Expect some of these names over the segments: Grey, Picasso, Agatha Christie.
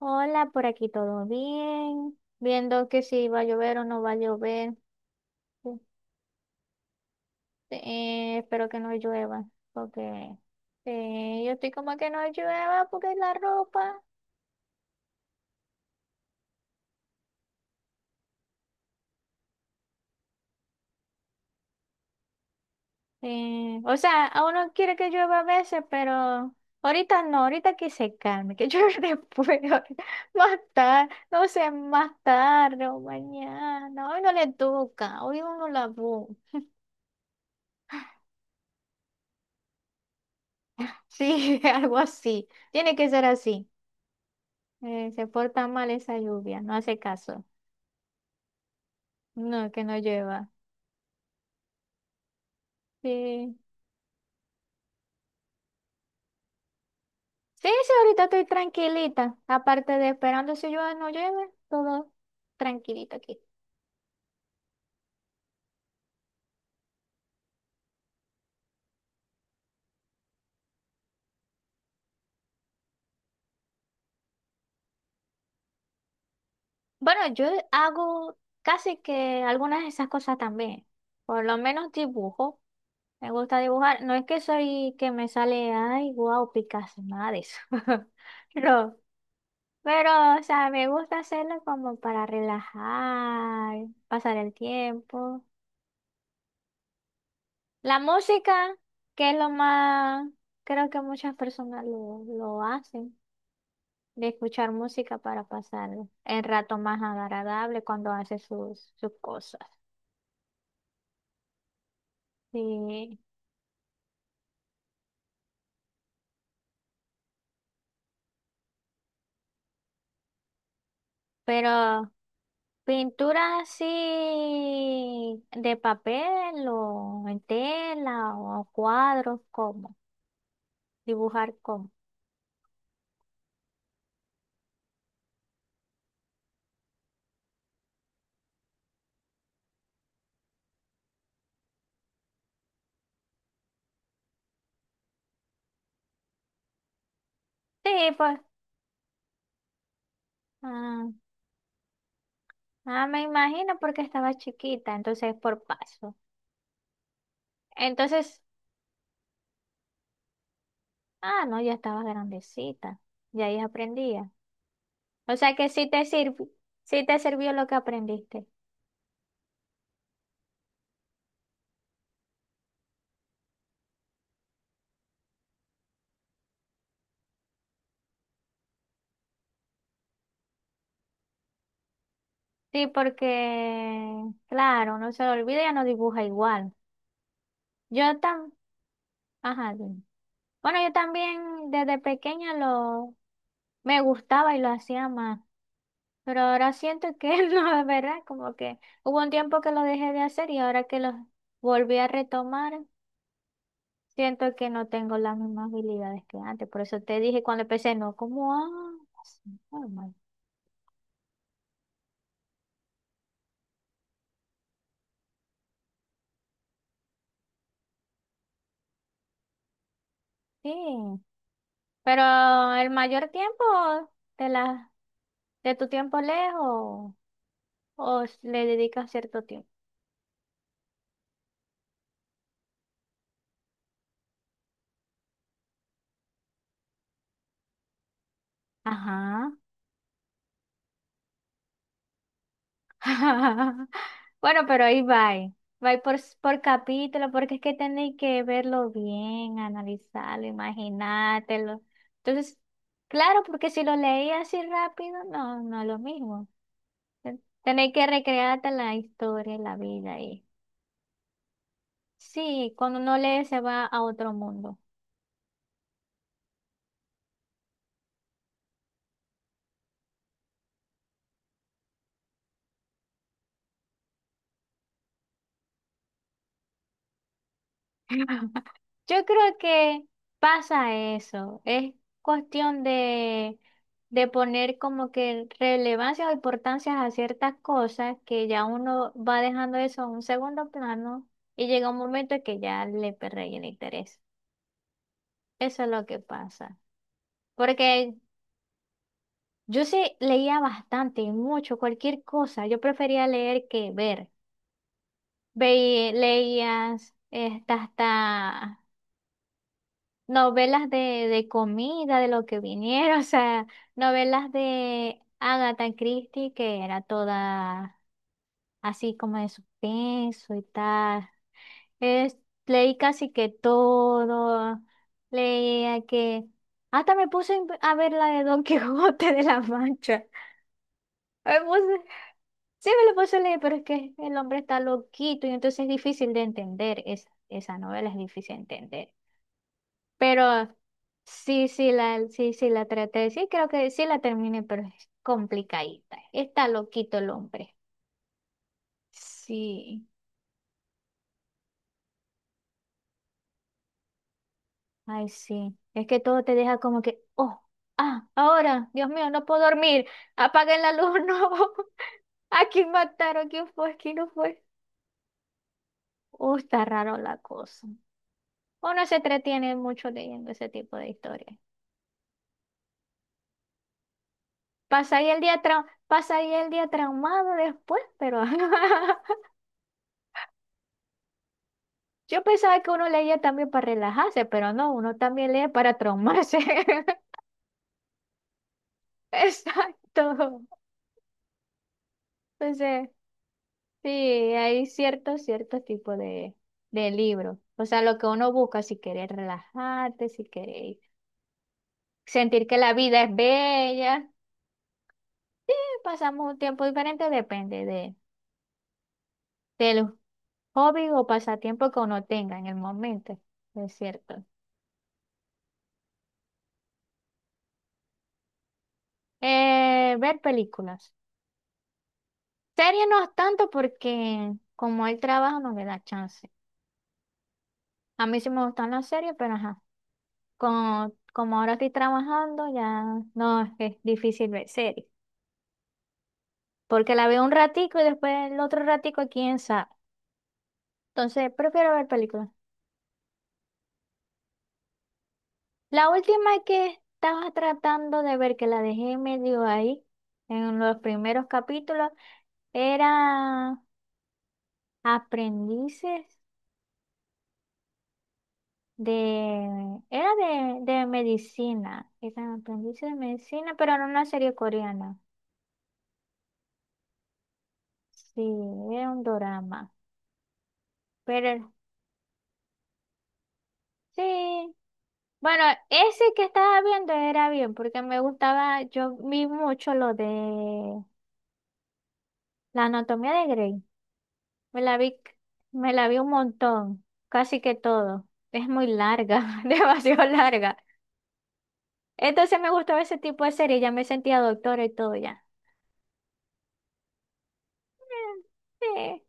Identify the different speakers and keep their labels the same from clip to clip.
Speaker 1: Hola, por aquí todo bien. Viendo que si va a llover o no va a llover. Este, Espero que no llueva, porque yo estoy como que no llueva porque la ropa. O sea, a uno quiere que llueva a veces, pero ahorita no, ahorita que se calme, que llueva después, más tarde, no sé, más tarde o mañana. Hoy no le toca, hoy uno la busca. Sí, algo así. Tiene que ser así. Se porta mal esa lluvia, no hace caso. No, que no llueva. Sí. Sí, sí, ahorita estoy tranquilita. Aparte de esperando si llueve o no llueve, todo tranquilito aquí. Bueno, yo hago casi que algunas de esas cosas también. Por lo menos dibujo. Me gusta dibujar. No es que soy que me sale, ay, wow, Picasso, nada de eso. No. Pero, o sea, me gusta hacerlo como para relajar, pasar el tiempo. La música, que es lo más, creo que muchas personas lo hacen, de escuchar música para pasar el rato más agradable cuando hace sus cosas. Sí, pero pintura así de papel o en tela o cuadros, ¿cómo? Dibujar cómo. Sí, pues, ah, ah, me imagino porque estaba chiquita, entonces por paso. Entonces... Ah, no, ya estabas grandecita. Ya ahí aprendía. O sea que sí te sirvió lo que aprendiste. Sí, porque, claro, no se lo olvida, ya no dibuja igual. Yo tam, ajá, dime. Bueno, yo también desde pequeña lo me gustaba y lo hacía más. Pero ahora siento que no, es verdad, como que hubo un tiempo que lo dejé de hacer y ahora que lo volví a retomar, siento que no tengo las mismas habilidades que antes, por eso te dije cuando empecé, no, como, ah, sí, normal. Sí, pero el mayor tiempo de la, de tu tiempo lejos le dedicas cierto tiempo. Ajá. Bueno, pero ahí va. Va por, por capítulo, porque es que tenéis que verlo bien, analizarlo, imaginártelo. Entonces, claro, porque si lo leí así rápido, no, no es lo mismo. Tenéis que recrearte la historia, y la vida y sí, cuando no lee se va a otro mundo. Yo creo que pasa eso. Es cuestión de poner como que relevancia o importancia a ciertas cosas que ya uno va dejando eso a un segundo plano y llega un momento que ya le perre el interés. Eso es lo que pasa. Porque yo sí leía bastante y mucho, cualquier cosa. Yo prefería leer que ver. Hasta novelas de comida, de lo que viniera, o sea, novelas de Agatha Christie, que era toda así como de suspenso y tal. Es- Leí casi que todo, leía que... Hasta me puse a ver la de Don Quijote de la Mancha. Me puse- sí, me lo puse a leer, pero es que el hombre está loquito y entonces es difícil de entender. Esa novela es difícil de entender. Pero sí, sí la traté. Sí, creo que sí la terminé, pero es complicadita. Está loquito el hombre. Sí, ay, sí. Es que todo te deja como que, oh, ah, ahora, Dios mío, no puedo dormir. Apaguen la luz, no. ¿A quién mataron? ¿Quién fue? ¿Quién no fue? Está raro la cosa. Uno se entretiene mucho leyendo ese tipo de historias. Pasa ahí el día traumado después, pero yo pensaba que uno leía también para relajarse, pero no, uno también lee para traumarse. Exacto. Entonces, sí, hay ciertos tipos de libros. O sea, lo que uno busca, si querés relajarte, si querés sentir que la vida es bella. Sí, pasamos un tiempo diferente, depende de, del hobby o pasatiempo que uno tenga en el momento. Es cierto. Ver películas. Serie no es tanto porque como el trabajo no me da chance. A mí sí me gustan las series, pero ajá, como ahora estoy trabajando ya no es, es difícil ver series, porque la veo un ratico y después el otro ratico quién sabe. Entonces prefiero ver películas. La última que estaba tratando de ver, que la dejé medio ahí en los primeros capítulos, era Aprendices De, era de medicina, era un aprendiz de medicina, pero era una serie coreana. Sí, era un drama. Pero sí, bueno, ese que estaba viendo era bien, porque me gustaba, yo vi mucho lo de la anatomía de Grey. Me la vi, Me la vi un montón, casi que todo. Es muy larga, demasiado larga. Entonces me gustaba ese tipo de serie, ya me sentía doctora y todo ya. Eh,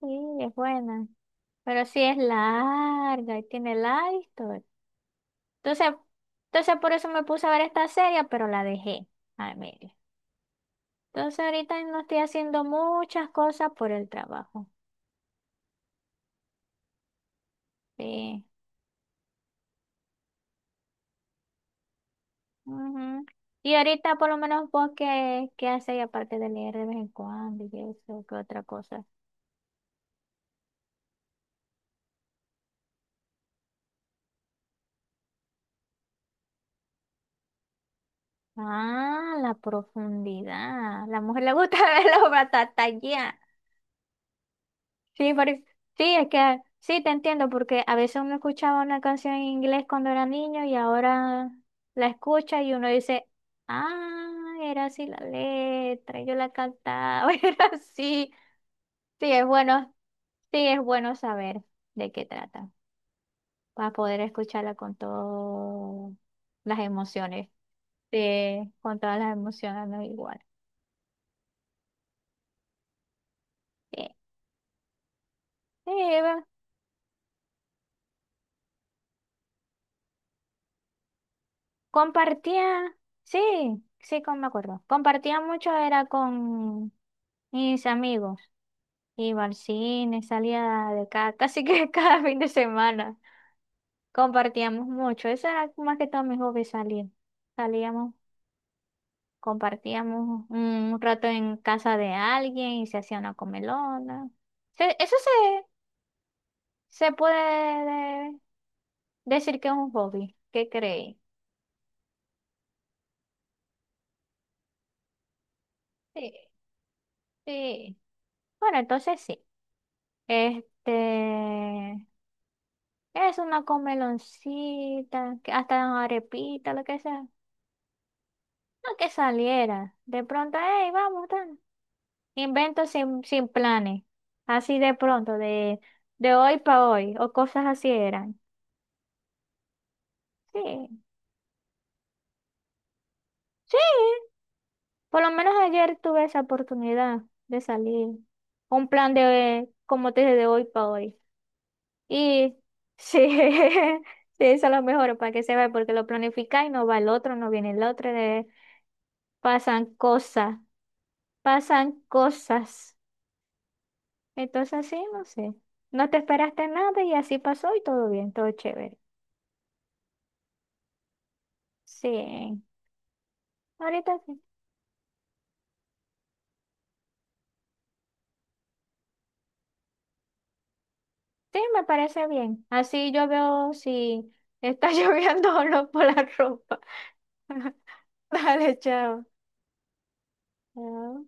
Speaker 1: sí, sí, es buena. Pero sí es larga y tiene la historia. Entonces, entonces por eso me puse a ver esta serie, pero la dejé a medio. Entonces ahorita no estoy haciendo muchas cosas por el trabajo. Sí. Ujú. Y ahorita por lo menos vos qué hacéis aparte de leer de vez en cuando y eso, qué otra cosa. Ah, la profundidad. La mujer le gusta ver los batatallas. Sí, sí, es que sí te entiendo, porque a veces uno escuchaba una canción en inglés cuando era niño y ahora la escucha y uno dice, ah, era así la letra, yo la cantaba, era así. Sí, es bueno, sí, es bueno saber de qué trata, para poder escucharla con todas las emociones, sí, con todas las emociones, no igual. Sí, sí, compartía, sí, me acuerdo. Compartía mucho, era con mis amigos. Iba al cine, salía de casa, casi que cada fin de semana. Compartíamos mucho. Eso era más que todo mi hobby, salir. Salíamos, compartíamos un rato en casa de alguien y se hacía una comelona. Se- Eso Se puede decir que es un hobby. ¿Qué creéis? Sí, sí. Bueno, entonces sí. Este, es una comeloncita, que hasta arepita, lo que sea. No que saliera. De pronto, hey, vamos, tan. Invento sin planes. Así de pronto, de hoy para hoy, o cosas así eran. Sí, sí. Por lo menos ayer tuve esa oportunidad de salir. Un plan de, como te dije, de hoy para hoy. Y sí, sí, eso es lo mejor para que se vea, porque lo planificáis y no va el otro, no viene el otro, pasan cosas. Pasan cosas. Entonces, sí, no sé. No te esperaste nada y así pasó y todo bien, todo chévere. Sí, ahorita sí. Sí, me parece bien. Así yo veo si está lloviendo o no por la ropa. Dale, chao. Chao.